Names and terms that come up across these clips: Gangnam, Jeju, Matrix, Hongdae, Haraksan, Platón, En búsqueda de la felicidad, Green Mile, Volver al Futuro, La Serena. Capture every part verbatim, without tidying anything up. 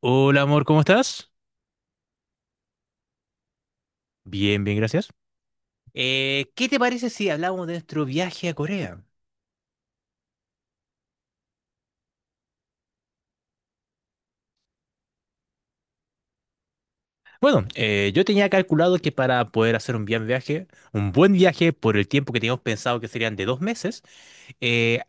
Hola amor, ¿cómo estás? Bien, bien, gracias. Eh, ¿qué te parece si hablamos de nuestro viaje a Corea? Bueno, eh, yo tenía calculado que para poder hacer un bien viaje, un buen viaje por el tiempo que teníamos pensado que serían de dos meses, eh,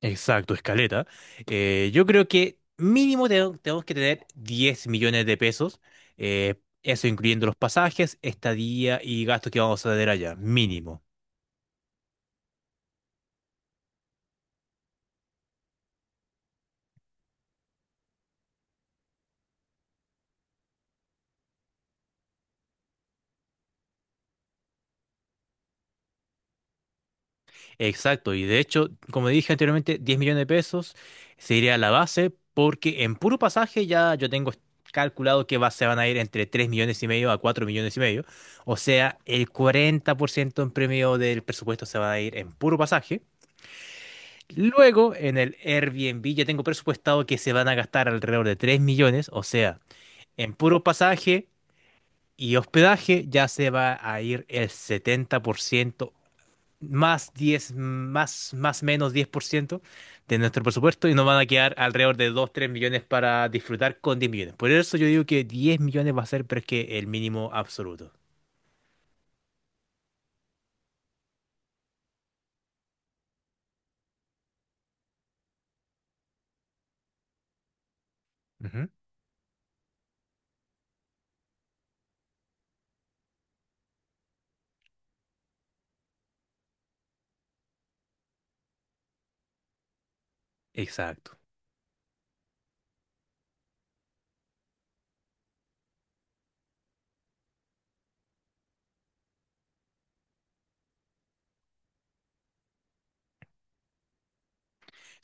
exacto, escaleta, eh, yo creo que mínimo te- tenemos que tener diez millones de pesos, eh, eso incluyendo los pasajes, estadía y gastos que vamos a tener allá, mínimo. Exacto, y de hecho, como dije anteriormente, diez millones de pesos sería la base porque en puro pasaje ya yo tengo calculado que va, se van a ir entre tres millones y medio a cuatro millones y medio. O sea, el cuarenta por ciento en premio del presupuesto se va a ir en puro pasaje. Luego, en el Airbnb ya tengo presupuestado que se van a gastar alrededor de tres millones. O sea, en puro pasaje y hospedaje ya se va a ir el setenta por ciento más diez más, más menos diez por ciento de nuestro presupuesto y nos van a quedar alrededor de dos tres millones para disfrutar con diez millones. Por eso yo digo que diez millones va a ser, pero es que el mínimo absoluto. Ujú. Exacto.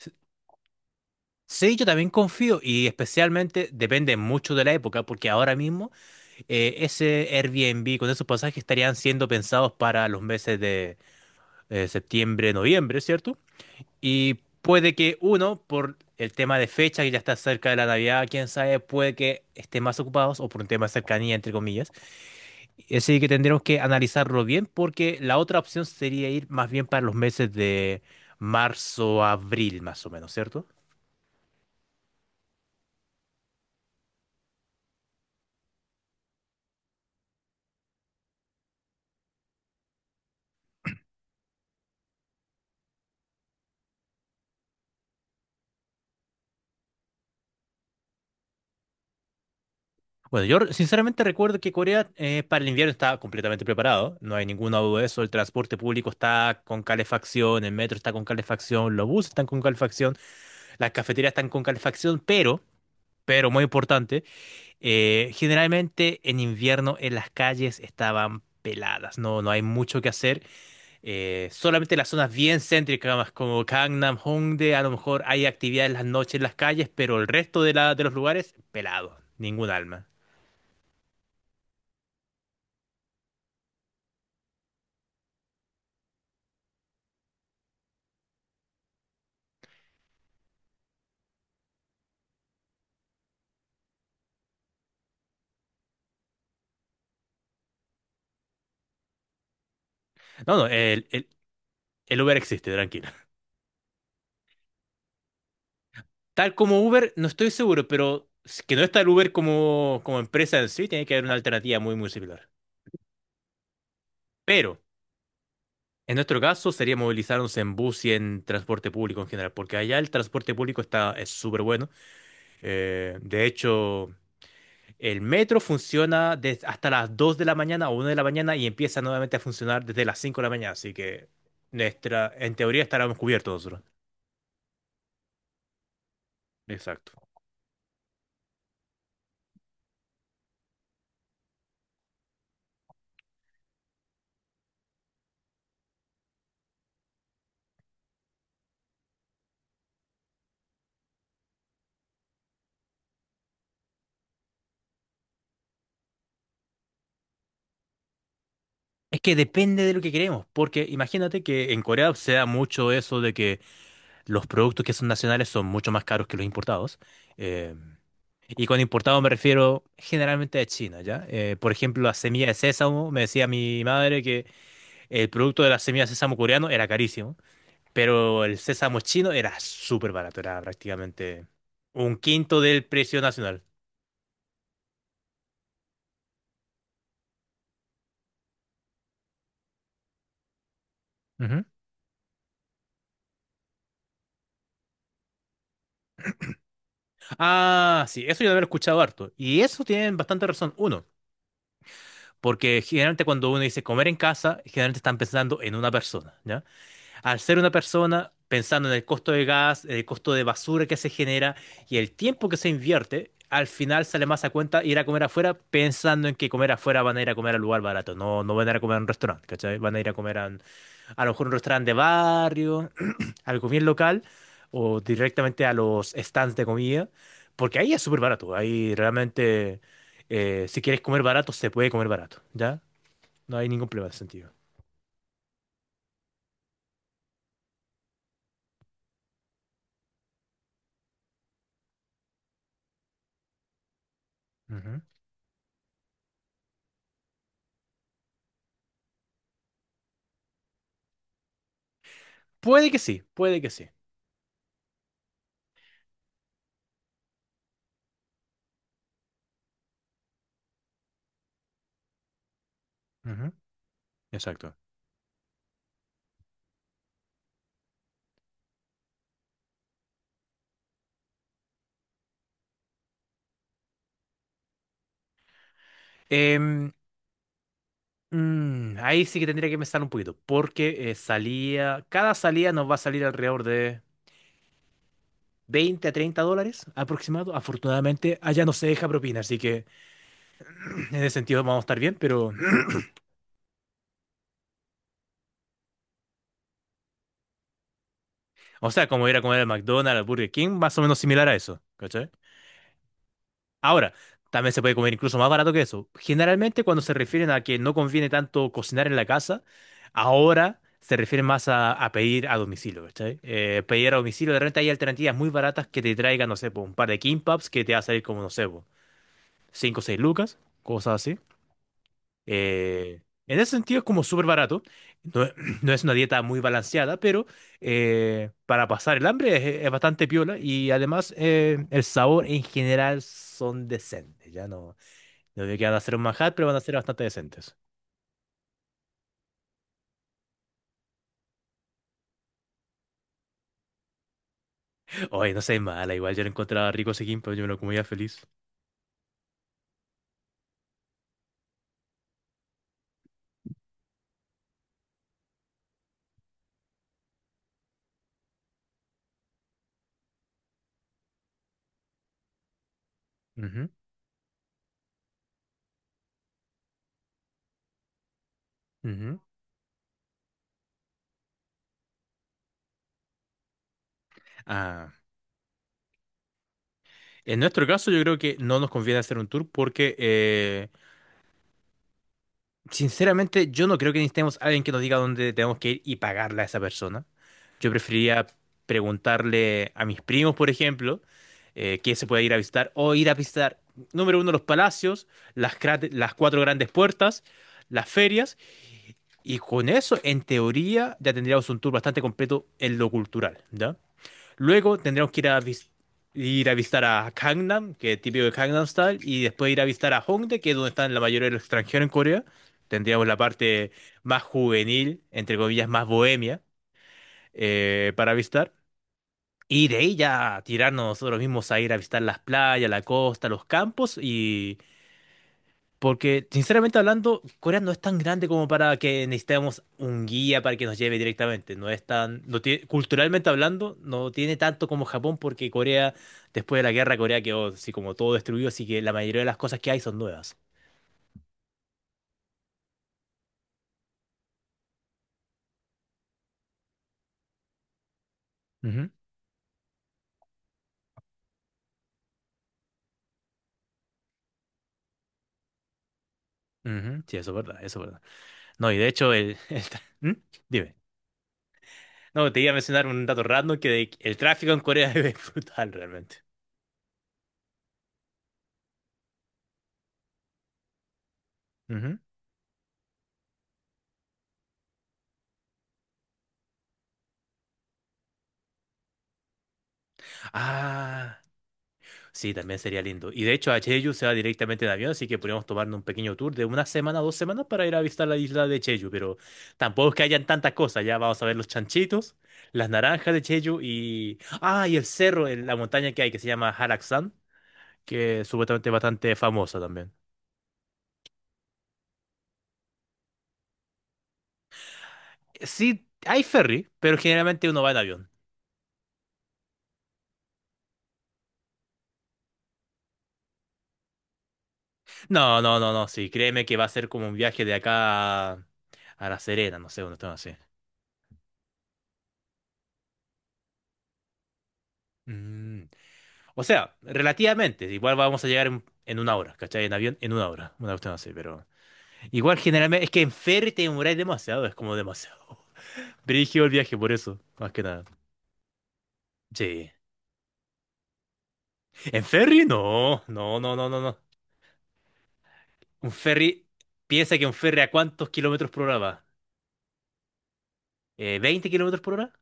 S- Sí, yo también confío y especialmente depende mucho de la época, porque ahora mismo eh, ese Airbnb con esos pasajes estarían siendo pensados para los meses de eh, septiembre, noviembre, ¿cierto? Y puede que uno, por el tema de fecha, que ya está cerca de la Navidad, quién sabe, puede que estén más ocupados o por un tema de cercanía, entre comillas. Así que tendremos que analizarlo bien porque la otra opción sería ir más bien para los meses de marzo, abril, más o menos, ¿cierto? Bueno, yo re- sinceramente recuerdo que Corea, eh, para el invierno está completamente preparado, no hay ninguna duda de eso, el transporte público está con calefacción, el metro está con calefacción, los buses están con calefacción, las cafeterías están con calefacción, pero, pero muy importante, Eh, generalmente en invierno en las calles estaban peladas, no, no hay mucho que hacer. Eh, solamente las zonas bien céntricas, más como Gangnam, Hongdae, a lo mejor hay actividad en las noches en las calles, pero el resto de, la, de los lugares, pelado, ningún alma. No, no, el, el, el Uber existe, tranquilo. Tal como Uber, no estoy seguro, pero s- que no está el Uber como, como empresa en sí, tiene que haber una alternativa muy, muy similar. Pero en nuestro caso sería movilizarnos en bus y en transporte público en general, porque allá el transporte público está, es súper bueno. Eh, de hecho, el metro funciona des- hasta las dos de la mañana o una de la mañana y empieza nuevamente a funcionar desde las cinco de la mañana, así que nuestra, en teoría estaríamos cubiertos nosotros. Exacto. Es que depende de lo que queremos, porque imagínate que en Corea se da mucho eso de que los productos que son nacionales son mucho más caros que los importados. Eh, Y con importado me refiero generalmente a China, ¿ya? Eh, por ejemplo, la semilla de sésamo, me decía mi madre que el producto de las semillas de sésamo coreano era carísimo, pero el sésamo chino era súper barato, era prácticamente un quinto del precio nacional. Ujú. Ah, sí, eso yo lo he escuchado harto. Y eso tienen bastante razón. Uno, porque generalmente cuando uno dice comer en casa, generalmente están pensando en una persona. Al ser una persona, pensando en el costo de gas, el costo de basura que se genera y el tiempo que se invierte, al final sale más a cuenta ir a comer afuera pensando en que comer afuera van a ir a comer al lugar barato. No, no van a ir a comer a un restaurante, ¿cachai? Van a ir a comer a, un- a lo mejor un restaurante de barrio, algo bien local o directamente a los stands de comida, porque ahí es súper barato. Ahí realmente, eh, si quieres comer barato, se puede comer barato, ¿ya? No hay ningún problema en ese sentido. Ujú. Puede que sí, puede que sí. Ujú. Exacto. Em, mm, ahí sí que tendría que pensar un poquito, porque eh, salía, cada salida nos va a salir alrededor de veinte a treinta dólares aproximado. Afortunadamente, allá no se deja propina, así que en ese sentido vamos a estar bien, pero, o sea, como ir a comer al McDonald's, al Burger King, más o menos similar a eso. Ahora, también se puede comer incluso más barato que eso. Generalmente cuando se refieren a que no conviene tanto cocinar en la casa, ahora se refieren más a, a pedir a domicilio, ¿cachai? Eh, pedir a domicilio, de repente hay alternativas muy baratas que te traigan, no sé, po, un par de kimbaps que te va a salir como, no sé, cinco, o seis lucas, cosas así. Eh, en ese sentido es como súper barato. No, es no es una dieta muy balanceada, pero eh, para pasar el hambre es, es bastante piola y además eh, el sabor en general son decentes, ya no. No digo que van a hacer un manjar, pero van a ser bastante decentes. Oye, no sé, mala. Igual yo lo encontraba rico ese gimpo, yo me lo comía feliz. Ujú, ujú. Ah, en nuestro caso, yo creo que no nos conviene hacer un tour porque, eh, sinceramente, yo no creo que necesitemos a alguien que nos diga dónde tenemos que ir y pagarle a esa persona. Yo preferiría preguntarle a mis primos, por ejemplo, eh, qué se puede ir a visitar o ir a visitar, número uno, los palacios, las, crate- las cuatro grandes puertas, las ferias. Y con eso, en teoría, ya tendríamos un tour bastante completo en lo cultural, ¿ya? Luego tendríamos que ir a, vis- ir a visitar a Gangnam, que es típico de Gangnam Style, y después ir a visitar a Hongdae, que es donde están la mayoría de los extranjeros en Corea. Tendríamos la parte más juvenil, entre comillas, más bohemia, eh, para visitar. Y de ahí ya tirarnos nosotros mismos a ir a visitar las playas, la costa, los campos, y porque, sinceramente hablando, Corea no es tan grande como para que necesitemos un guía para que nos lleve directamente. No es tan, no tiene- culturalmente hablando, no tiene tanto como Japón, porque Corea, después de la guerra, Corea quedó así como todo destruido, así que la mayoría de las cosas que hay son nuevas. Ujú, ujú. Sí, eso es verdad, eso es verdad. No, y de hecho, el, el tra- ¿Mm? Dime. No, te iba a mencionar un dato random que de- el tráfico en Corea es brutal realmente. Ujú. Ah. Sí, también sería lindo. Y de hecho, a Jeju se va directamente en avión, así que podríamos tomarnos un pequeño tour de una semana, dos semanas para ir a visitar la isla de Jeju, pero tampoco es que hayan tantas cosas. Ya vamos a ver los chanchitos, las naranjas de Jeju y... ah, y el cerro, el- la montaña que hay que se llama Haraksan, que es supuestamente bastante famosa también. Sí, hay ferry, pero generalmente uno va en avión. No, no, no, no, sí, créeme que va a ser como un viaje de acá a, a La Serena, no sé, una tema así. Mm. O sea, relativamente. Igual vamos a llegar en, en una hora, ¿cachai? En avión, en una hora. Una cuestión así, pero. Igual generalmente. Es que en ferry te demoráis demasiado, es como demasiado. Brígido el viaje, por eso, más que nada. Sí. ¿En ferry? No, no, no, no, no, no. Un ferry. Piensa que un ferry a cuántos kilómetros por hora va. Eh, ¿veinte kilómetros por hora?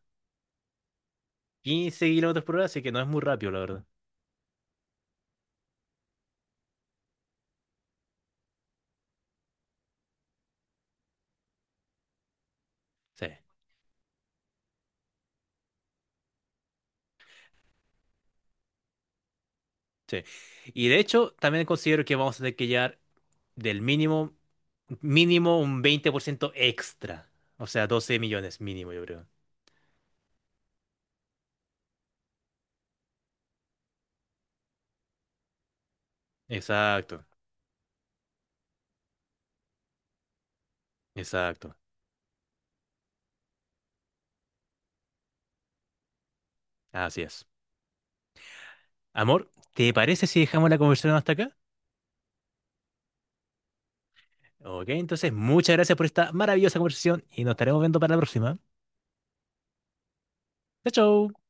¿Quince kilómetros por hora? Así que no es muy rápido, la verdad. Sí, sí. Y de hecho, también considero que vamos a tener que llegar del mínimo mínimo un veinte por ciento extra. O sea, doce millones mínimo, yo creo. Exacto, exacto. Así es. Amor, ¿te parece si dejamos la conversación hasta acá? Ok, entonces muchas gracias por esta maravillosa conversación y nos estaremos viendo para la próxima. Chao, chao.